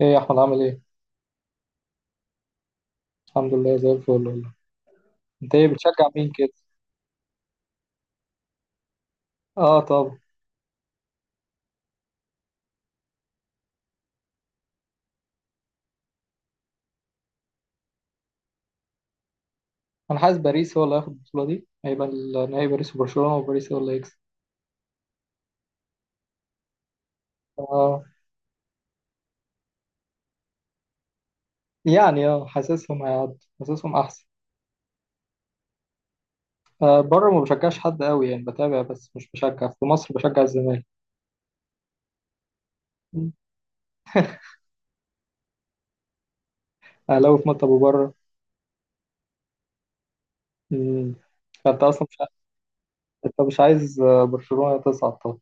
ايه يا احمد، عامل ايه؟ الحمد لله زي الفل والله. انت ايه بتشجع مين كده؟ اه، طب. انا حاسس باريس هو اللي هياخد البطوله دي. هيبقى النهائي باريس وبرشلونه، وباريس هو اللي هيكسب. اه يعني اه، حاسسهم هيعدوا. حاسسهم احسن. آه، بره ما بشجعش حد قوي يعني، بتابع بس مش بشجع. في مصر بشجع الزمالك. مم. اهلاوي في مصر وبره. امم، انت اصلا مش ع- انت مش عايز برشلونه تصعد طبعا؟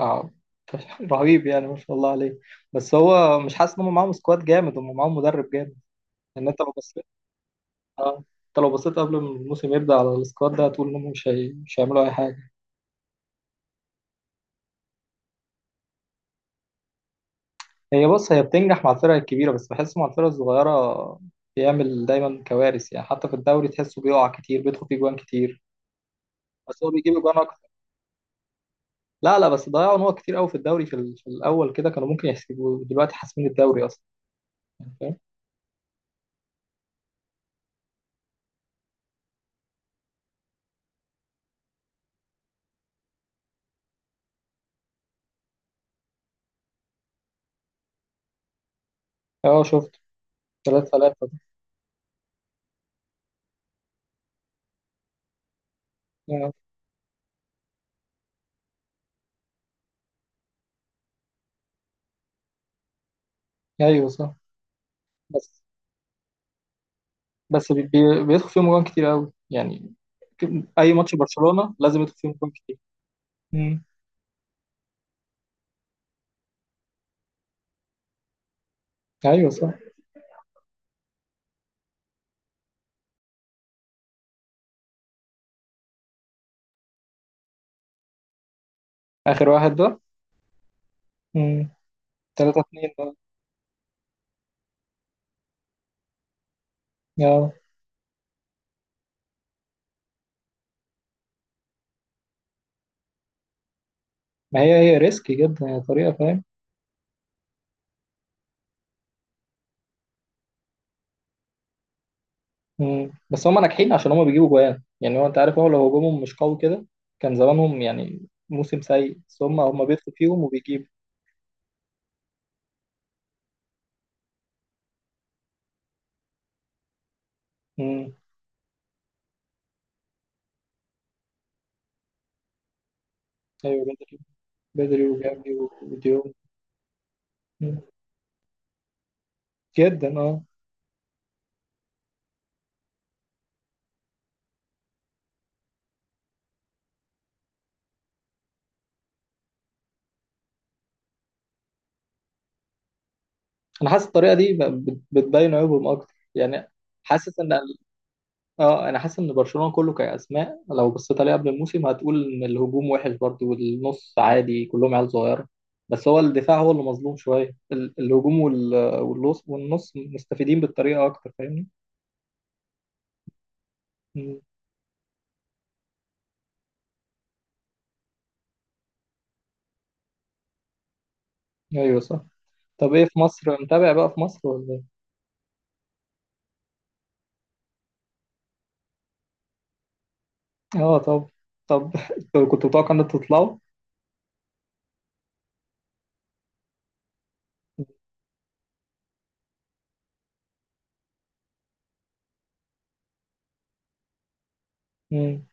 اه. رهيب يعني، ما شاء الله عليه. بس هو مش حاسس ان هم معاهم سكواد جامد، هم معاهم مدرب جامد؟ ان انت. اه، انت لو بصيت قبل ما الموسم يبدأ على السكواد ده هتقول انهم مش هيعملوا اي حاجة. هي بص، هي بتنجح مع الفرق الكبيرة، بس بحس مع الفرق الصغيرة بيعمل دايما كوارث، يعني حتى في الدوري تحسه بيقع كتير، بيدخل فيه جوان كتير. بس هو بيجيب جوان اكتر. لا لا، بس ضيعوا نقط كتير قوي في الدوري، في الاول كده كانوا ممكن يحسبوا دلوقتي حاسمين الدوري اصلا. يعني، فاهم. اه شفت. 3-3. ايوه صح. بس بيدخل فيهم جوان كتير قوي يعني. اي ماتش برشلونة لازم يدخل فيهم جوان كتير. مم. ايوه صح. آخر واحد ده. امم. 3-2 ده. اه. ما هي، هي ريسكي جدا هي طريقة، فاهم. امم، بس هم ناجحين عشان هم بيجيبوا جوان، يعني هو انت عارف هو لو هجومهم مش قوي كده كان زمانهم يعني موسم سيء. بس هم بيدخلوا فيهم وبيجيبوا. امم. ايوه بدري. بدري وجافي وديوم. مم. جدا اه. انا حاسس الطريقة دي بتبين عيوبهم اكتر يعني. حاسس ان اه، انا حاسس ان برشلونه كله كاسماء، لو بصيت عليه قبل الموسم هتقول ان الهجوم وحش برضه، والنص عادي كلهم عيال صغيره. بس هو الدفاع هو اللي مظلوم شويه، الهجوم والنص، والنص مستفيدين بالطريقه اكتر، فاهمني. مم. ايوه صح. طب ايه، في مصر متابع بقى في مصر ولا ايه؟ اه، طب. طب، انتوا كنتوا متوقع ان انتوا تطلعوا؟ مم.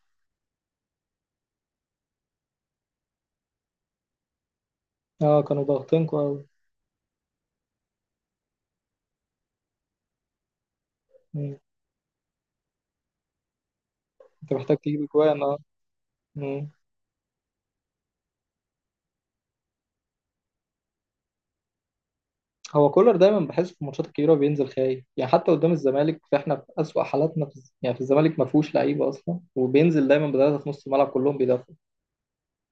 اه، كانوا ضاغطينكوا قوي. انت محتاج تجيب اجوان. اه. هو كولر دايما بحس في الماتشات الكبيره بينزل خايف، يعني حتى قدام الزمالك فاحنا في اسوأ حالاتنا في يعني في الزمالك ما فيهوش لعيبه اصلا، وبينزل دايما بثلاثه في نص الملعب كلهم بيدافعوا.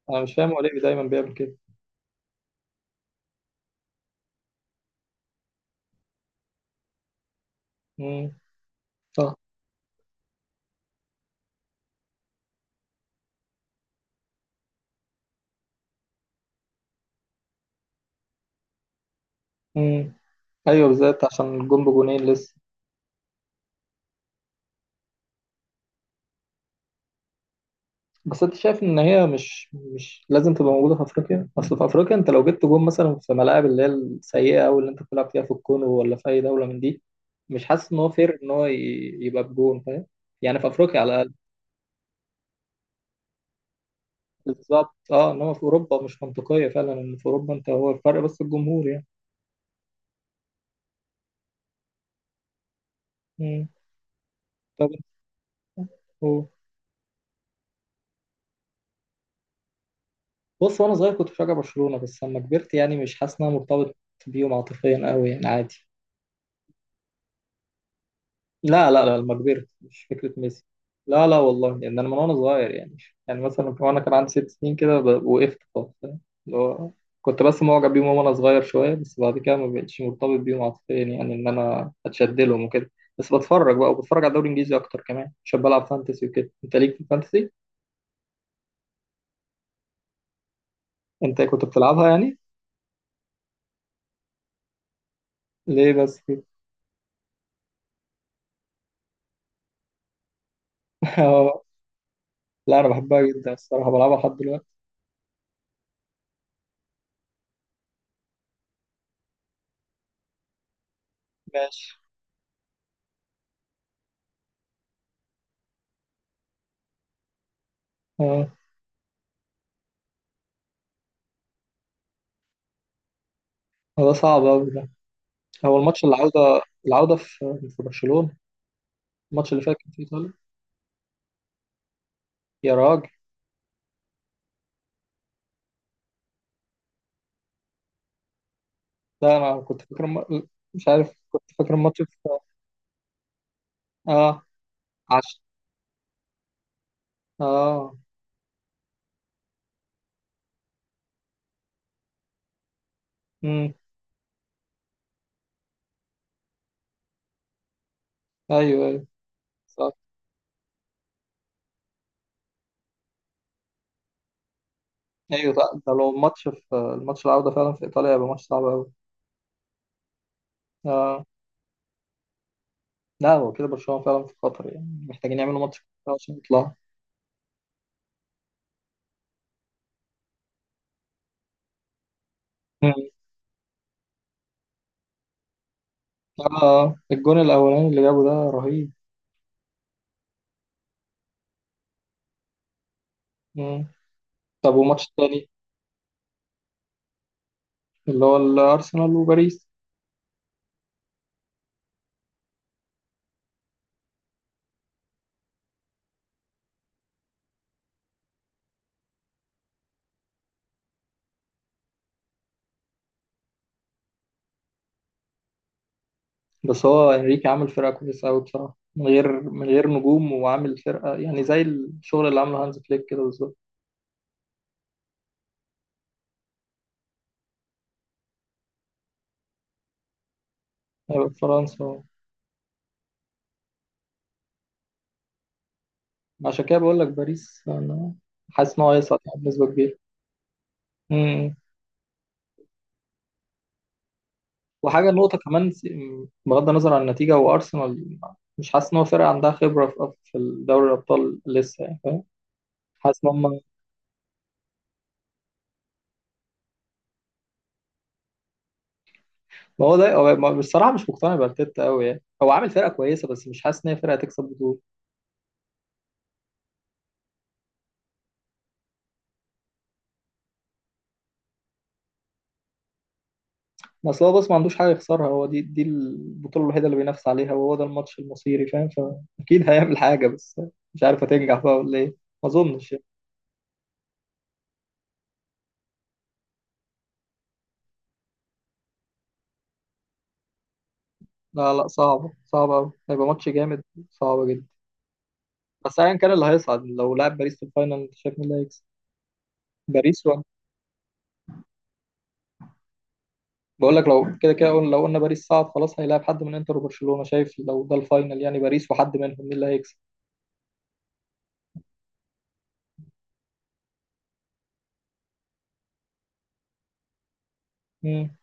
انا مش فاهم هو ليه دايما بيعمل كده. امم. صح. امم. ايوه، بالذات عشان الجون بجونين لسه. بس انت شايف ان هي مش، مش لازم تبقى موجوده في افريقيا؟ اصل في افريقيا انت لو جبت جون مثلا في ملاعب اللي هي السيئه او اللي انت بتلعب فيها في الكونغو ولا في اي دوله من دي، مش حاسس ان هو فير ان يبقى بجون، فاهم؟ يعني في افريقيا على الاقل. بالظبط اه، انما في اوروبا مش منطقيه فعلا، ان في اوروبا انت هو الفرق بس الجمهور يعني. مم. طب، هو بص، وانا صغير كنت بشجع برشلونه، بس لما كبرت يعني مش حاسس ان انا مرتبط بيهم عاطفيا قوي يعني، عادي. لا لا لا، لما كبرت، مش فكرة ميسي. لا لا والله، يعني أنا من وأنا صغير يعني. يعني مثلا وأنا كان عندي 6 سنين كده، وقفت خالص، فاهم؟ اللي هو، كنت بس معجب بيهم وأنا صغير شوية، بس بعد كده ما بقتش مرتبط بيهم عاطفيا، يعني إن أنا أتشد لهم وكده. بس بتفرج بقى، وبتفرج على الدوري الإنجليزي أكتر كمان عشان بلعب فانتسي وكده. أنت ليك في الفانتسي؟ أنت كنت بتلعبها يعني؟ ليه بس كده؟ آه، لا أنا بحبها جدا الصراحة، بلعبها لحد دلوقتي. ماشي. أه. هو ده صعب أوي ده. هو الماتش العودة، العودة في، في برشلونة. الماتش اللي فات كان في ايطاليا. يا راجل. لا انا كنت فاكر مش عارف، كنت فاكر الماتش في. اه. عشرة. اه. امم. ايوه ايوه. صح. ايوه لا، ده لو الماتش، في الماتش العودة فعلا في ايطاليا هيبقى ماتش صعب قوي. اه. لا، هو كده برشلونة فعلا في خطر يعني، محتاجين يعملوا ماتش كويس عشان يطلعوا. مم. اه الجون الاولاني اللي جابه ده رهيب. مم. طب والماتش التاني؟ اللي هو الارسنال وباريس. بس هو انريكي عامل فرقه كويسه قوي بصراحه، من غير، من غير نجوم، وعامل فرقه يعني زي الشغل اللي عامله هانز فليك كده بالظبط. هيبقى في فرنسا. عشان كده بقول لك باريس انا، حاسس ان هو هيصعد يعني بنسبه كبيره. امم. وحاجه نقطه كمان، بغض النظر عن النتيجه، وارسنال مش حاسس ان هو فرقه عندها خبره في، في دوري الابطال لسه يعني، فاهم. حاسس ان هم. ما هو ده بصراحه مش مقتنع بارتيتا قوي يعني، هو عامل فرقه كويسه بس مش حاسس ان هي فرقه تكسب بطوله. اصل هو بس ما عندوش حاجه يخسرها، هو دي دي البطوله الوحيده اللي بينافس عليها، وهو ده الماتش المصيري، فاهم. فاكيد هيعمل حاجه بس، مش عارف هتنجح بقى ولا ايه. ما اظنش يعني. لا لا، صعبه صعبه قوي، هيبقى ماتش جامد. صعب جدا. بس ايا كان اللي هيصعد، لو لعب باريس في الفاينل، انت شايف مين اللي هيكسب؟ باريس ولا؟ بقول لك، لو كده كده قلنا، لو قلنا باريس صعد خلاص هيلاعب حد من انتر وبرشلونه، شايف لو ده الفاينل يعني باريس وحد منهم، مين اللي هيكسب؟ امم.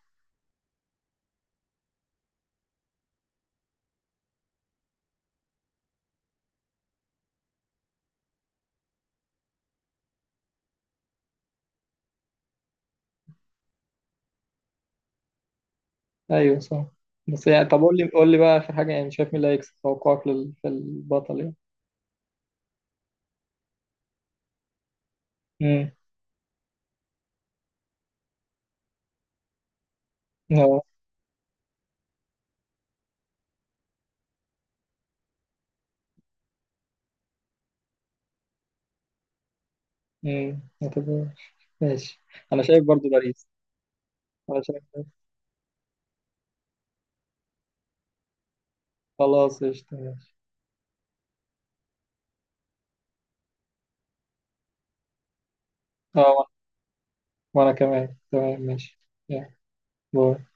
ايوه صح. بس يعني طب قول لي، قول لي بقى اخر حاجه يعني، شايف مين اللي هيكسب؟ توقعك للبطل يعني. امم. امم. اعتبر. ماشي. انا شايف برضو باريس. انا شايف. خلاص، قشطة، ماشي. اه، وانا، وأنا كمان تمام، ماشي. يلا. باي.